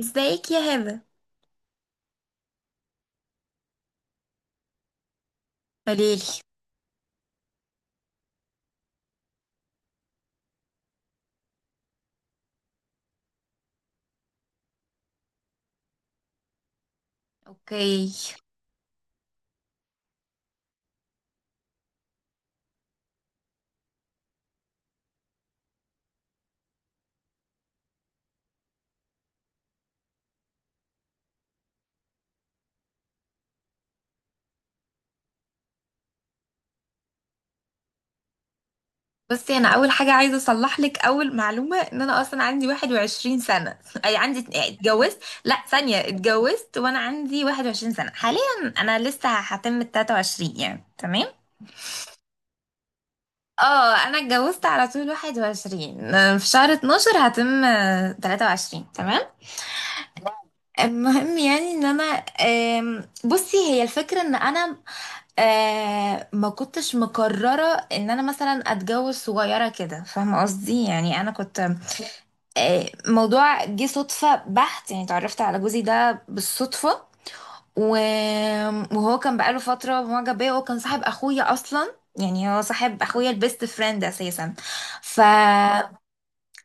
ازيك يا هبه؟ قوليلي. اوكي. بصي، انا اول حاجه عايزه اصلح لك اول معلومه، ان انا اصلا عندي 21 سنه اي عندي اتجوزت، لا، ثانيه، اتجوزت وانا عندي 21 سنه حاليا. انا لسه هتم ال 23، يعني تمام. اه، انا اتجوزت على طول 21 في شهر 12، هتم 23. تمام. المهم، يعني ان انا بصي هي الفكرة ان انا ما كنتش مقررة ان انا مثلا اتجوز صغيرة كده، فاهمة قصدي؟ يعني انا كنت موضوع جه صدفة بحت. يعني اتعرفت على جوزي ده بالصدفة و- وهو كان بقاله فترة معجب بيا، وهو كان صاحب اخويا اصلا. يعني هو صاحب اخويا البيست فريند اساسا. ف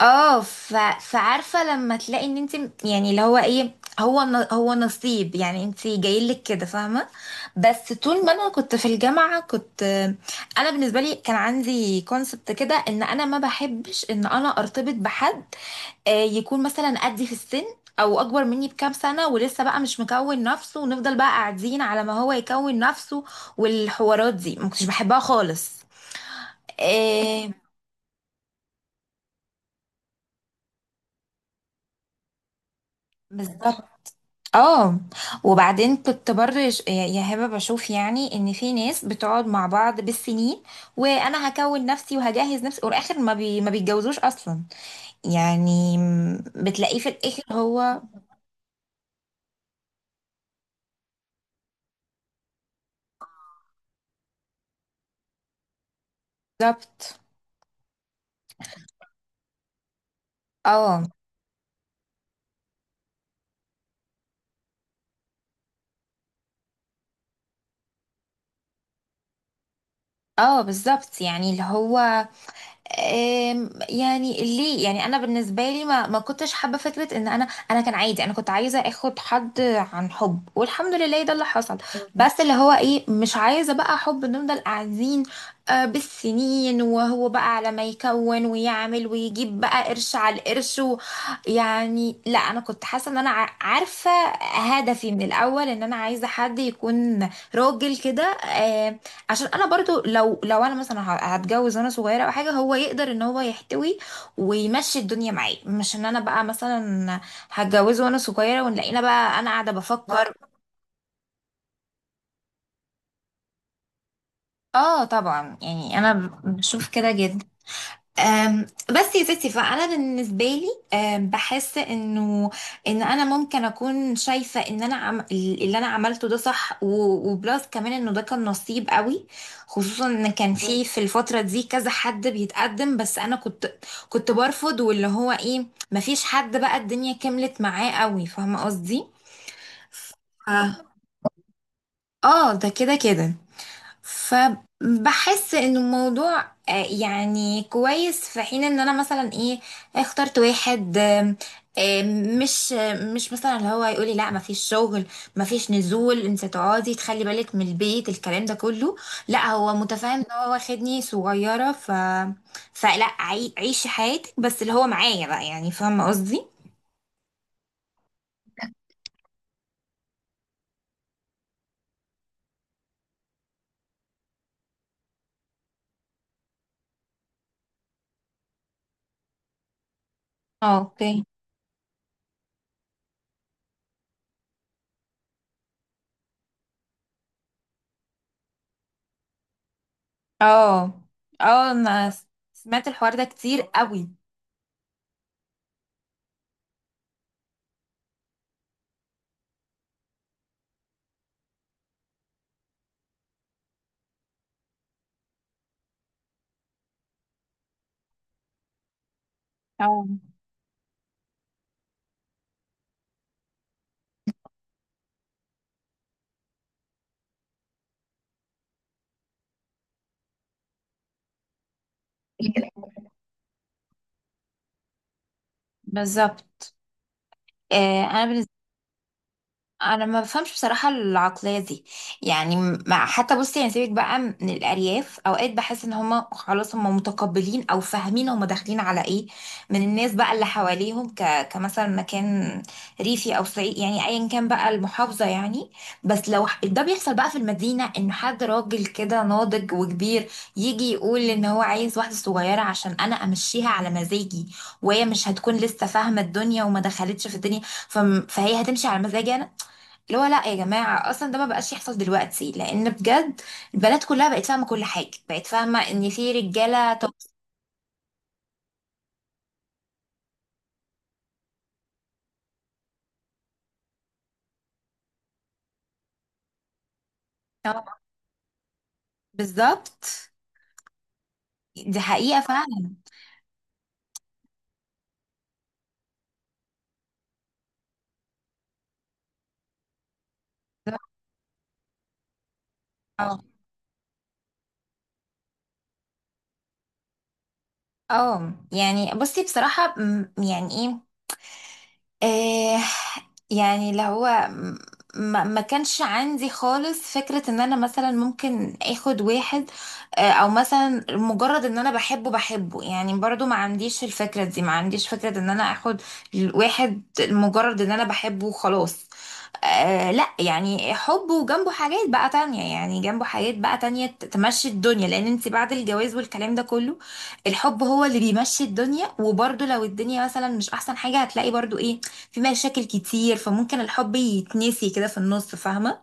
اه ف... فعارفه لما تلاقي ان انت، يعني اللي هو ايه، هو هو نصيب. يعني انت جايلك كده، فاهمه؟ بس طول ما انا كنت في الجامعه كنت. انا بالنسبه لي كان عندي كونسبت كده ان انا ما بحبش ان انا ارتبط بحد يكون مثلا قدي في السن، او اكبر مني بكام سنه ولسه بقى مش مكون نفسه، ونفضل بقى قاعدين على ما هو يكون نفسه. والحوارات دي ما كنتش بحبها خالص. آه، بالظبط. اه. وبعدين كنت برضه يا هبه بشوف يعني ان في ناس بتقعد مع بعض بالسنين، وانا هكون نفسي وهجهز نفسي، والاخر ما بيتجوزوش اصلا. يعني بتلاقيه في الاخر هو. بالظبط. اه، اه، بالظبط. يعني اللي هو يعني ليه، يعني انا بالنسبه لي ما كنتش حابه فكره ان انا كان عادي، انا كنت عايزه اخد حد عن حب، والحمد لله ده اللي حصل. بس اللي هو ايه، مش عايزه بقى حب نفضل قاعدين بالسنين، وهو بقى على ما يكون ويعمل ويجيب بقى قرش على القرش. يعني لا، انا كنت حاسه ان انا عارفه هدفي من الاول ان انا عايزه حد يكون راجل كده. عشان انا برضو لو انا مثلا هتجوز وانا صغيره او حاجه، هو يقدر ان هو يحتوي ويمشي الدنيا معاه، مش ان انا بقى مثلا هتجوزه وانا صغيره ونلاقينا بقى انا قاعده بفكر. اه، طبعا. يعني انا بشوف كده جدا. بس يا ستي، فانا بالنسبه لي بحس انه ان انا ممكن اكون شايفه ان انا اللي انا عملته ده صح وبلاس كمان انه ده كان نصيب قوي. خصوصا ان كان في الفتره دي كذا حد بيتقدم، بس انا كنت برفض. واللي هو ايه، مفيش حد بقى الدنيا كملت معاه قوي، فاهمه قصدي. ف- اه، ده كده كده. فبحس ان الموضوع يعني كويس، في حين ان انا مثلا ايه اخترت واحد آم، آم، مش آم، مش مثلا اللي هو يقولي لا مفيش شغل، مفيش نزول، انت تقعدي تخلي بالك من البيت، الكلام ده كله. لا هو متفاهم ان هو واخدني صغيرة. فلا، عيشي حياتك بس اللي هو معايا بقى، يعني فاهمة قصدي. اه، اوكي. اه، اه، انا سمعت الحوار ده كتير قوي. اه، بالظبط. انا بالنسبه، انا ما بفهمش بصراحه العقليه دي. يعني مع حتى بصي، يعني سيبك بقى من الارياف، اوقات بحس ان هما خلاص هما متقبلين او فاهمين هما داخلين على ايه من الناس بقى اللي حواليهم، كمثلا مكان ريفي او صعيد، يعني ايا كان بقى المحافظه يعني. بس لو ده بيحصل بقى في المدينه، ان حد راجل كده ناضج وكبير يجي يقول ان هو عايز واحده صغيره عشان انا امشيها على مزاجي، وهي مش هتكون لسه فاهمه الدنيا وما دخلتش في الدنيا، فهي هتمشي على مزاجي انا. اللي هو لا يا جماعة، أصلا ده ما بقاش يحصل دلوقتي، لأن بجد البنات كلها بقت فاهمة كل حاجة، بقت فاهمة إن في رجالة. طب. بالظبط، دي حقيقة فعلا. اه. يعني بصي بصراحة يعني ايه، آه يعني اللي هو ما كانش عندي خالص فكرة ان انا مثلا ممكن اخد واحد، او مثلا مجرد ان انا بحبه بحبه. يعني برضو ما عنديش الفكرة دي، ما عنديش فكرة ان انا اخد واحد مجرد ان انا بحبه وخلاص. لا، يعني حب وجنبه حاجات بقى تانية، يعني جنبه حاجات بقى تانية تمشي الدنيا، لان انت بعد الجواز والكلام ده كله الحب هو اللي بيمشي الدنيا. وبرضو لو الدنيا مثلا مش احسن حاجة، هتلاقي برضو ايه، في مشاكل كتير، فممكن الحب يتنسي كده في النص، فاهمة؟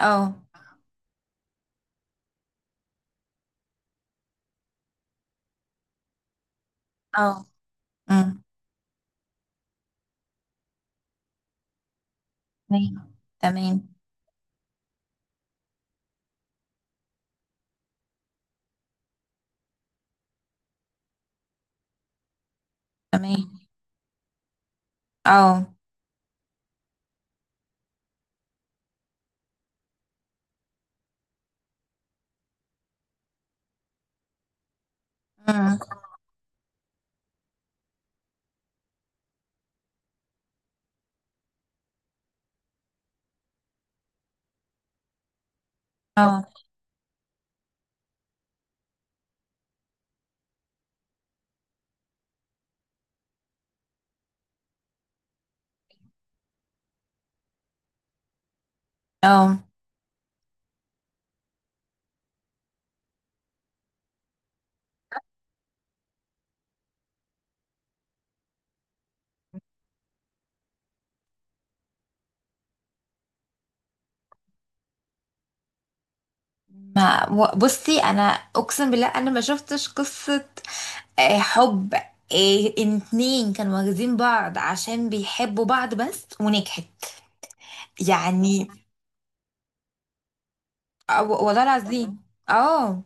اه، اه. امم. تمام، تمام، تمام. اه. امم. اه، اه. ما و- بصي انا اقسم بالله انا ما شفتش قصة حب، إن اتنين كانوا واخدين بعض عشان بيحبوا بعض بس، ونجحت. يعني والله العظيم. اه.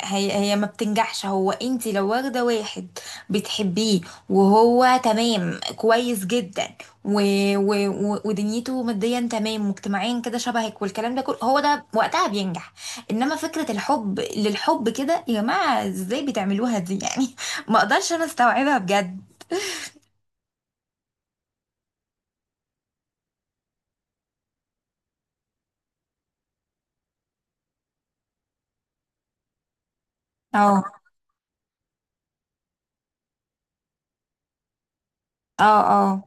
هي ما بتنجحش. هو انت لو واخده واحد بتحبيه، وهو تمام كويس جدا، و و و ودنيته ماديا تمام، واجتماعيا كده شبهك، والكلام ده كله، هو ده وقتها بينجح. انما فكره الحب للحب كده يا جماعه، ازاي بتعملوها دي يعني؟ ما اقدرش انا استوعبها بجد. اه، اه، اه،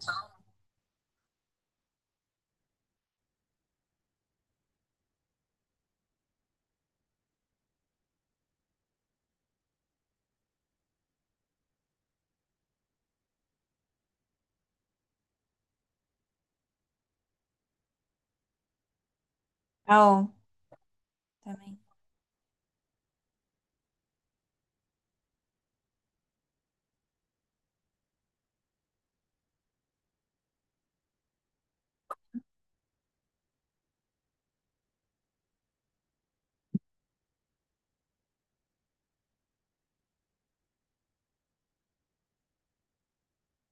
اه. تمام.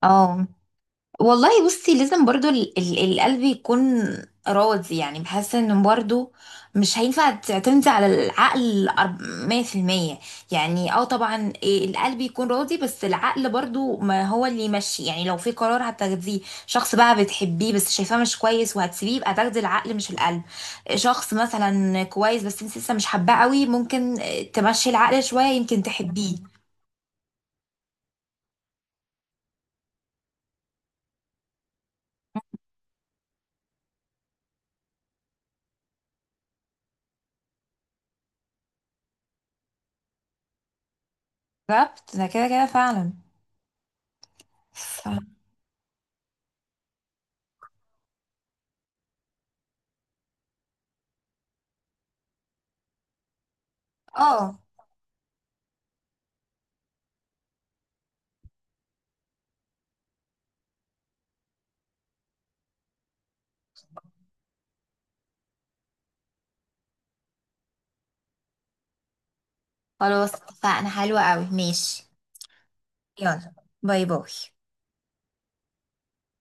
اه، والله بصي لازم برضو ال القلب يكون راضي. يعني بحس ان برضو مش هينفع تعتمدي على العقل 100%. يعني اه، طبعا إيه، القلب يكون راضي بس العقل برضو ما هو اللي يمشي. يعني لو في قرار هتاخديه، شخص بقى بتحبيه بس شايفاه مش كويس وهتسيبيه، يبقى تاخدي العقل مش القلب. شخص مثلا كويس بس انت لسه مش حباه قوي، ممكن تمشي العقل شوية، يمكن تحبيه. بالظبط، ده كده كده فعلا. ف... اه، خلاص اتفقنا. حلوة قوي، ماشي. يلا، باي باي.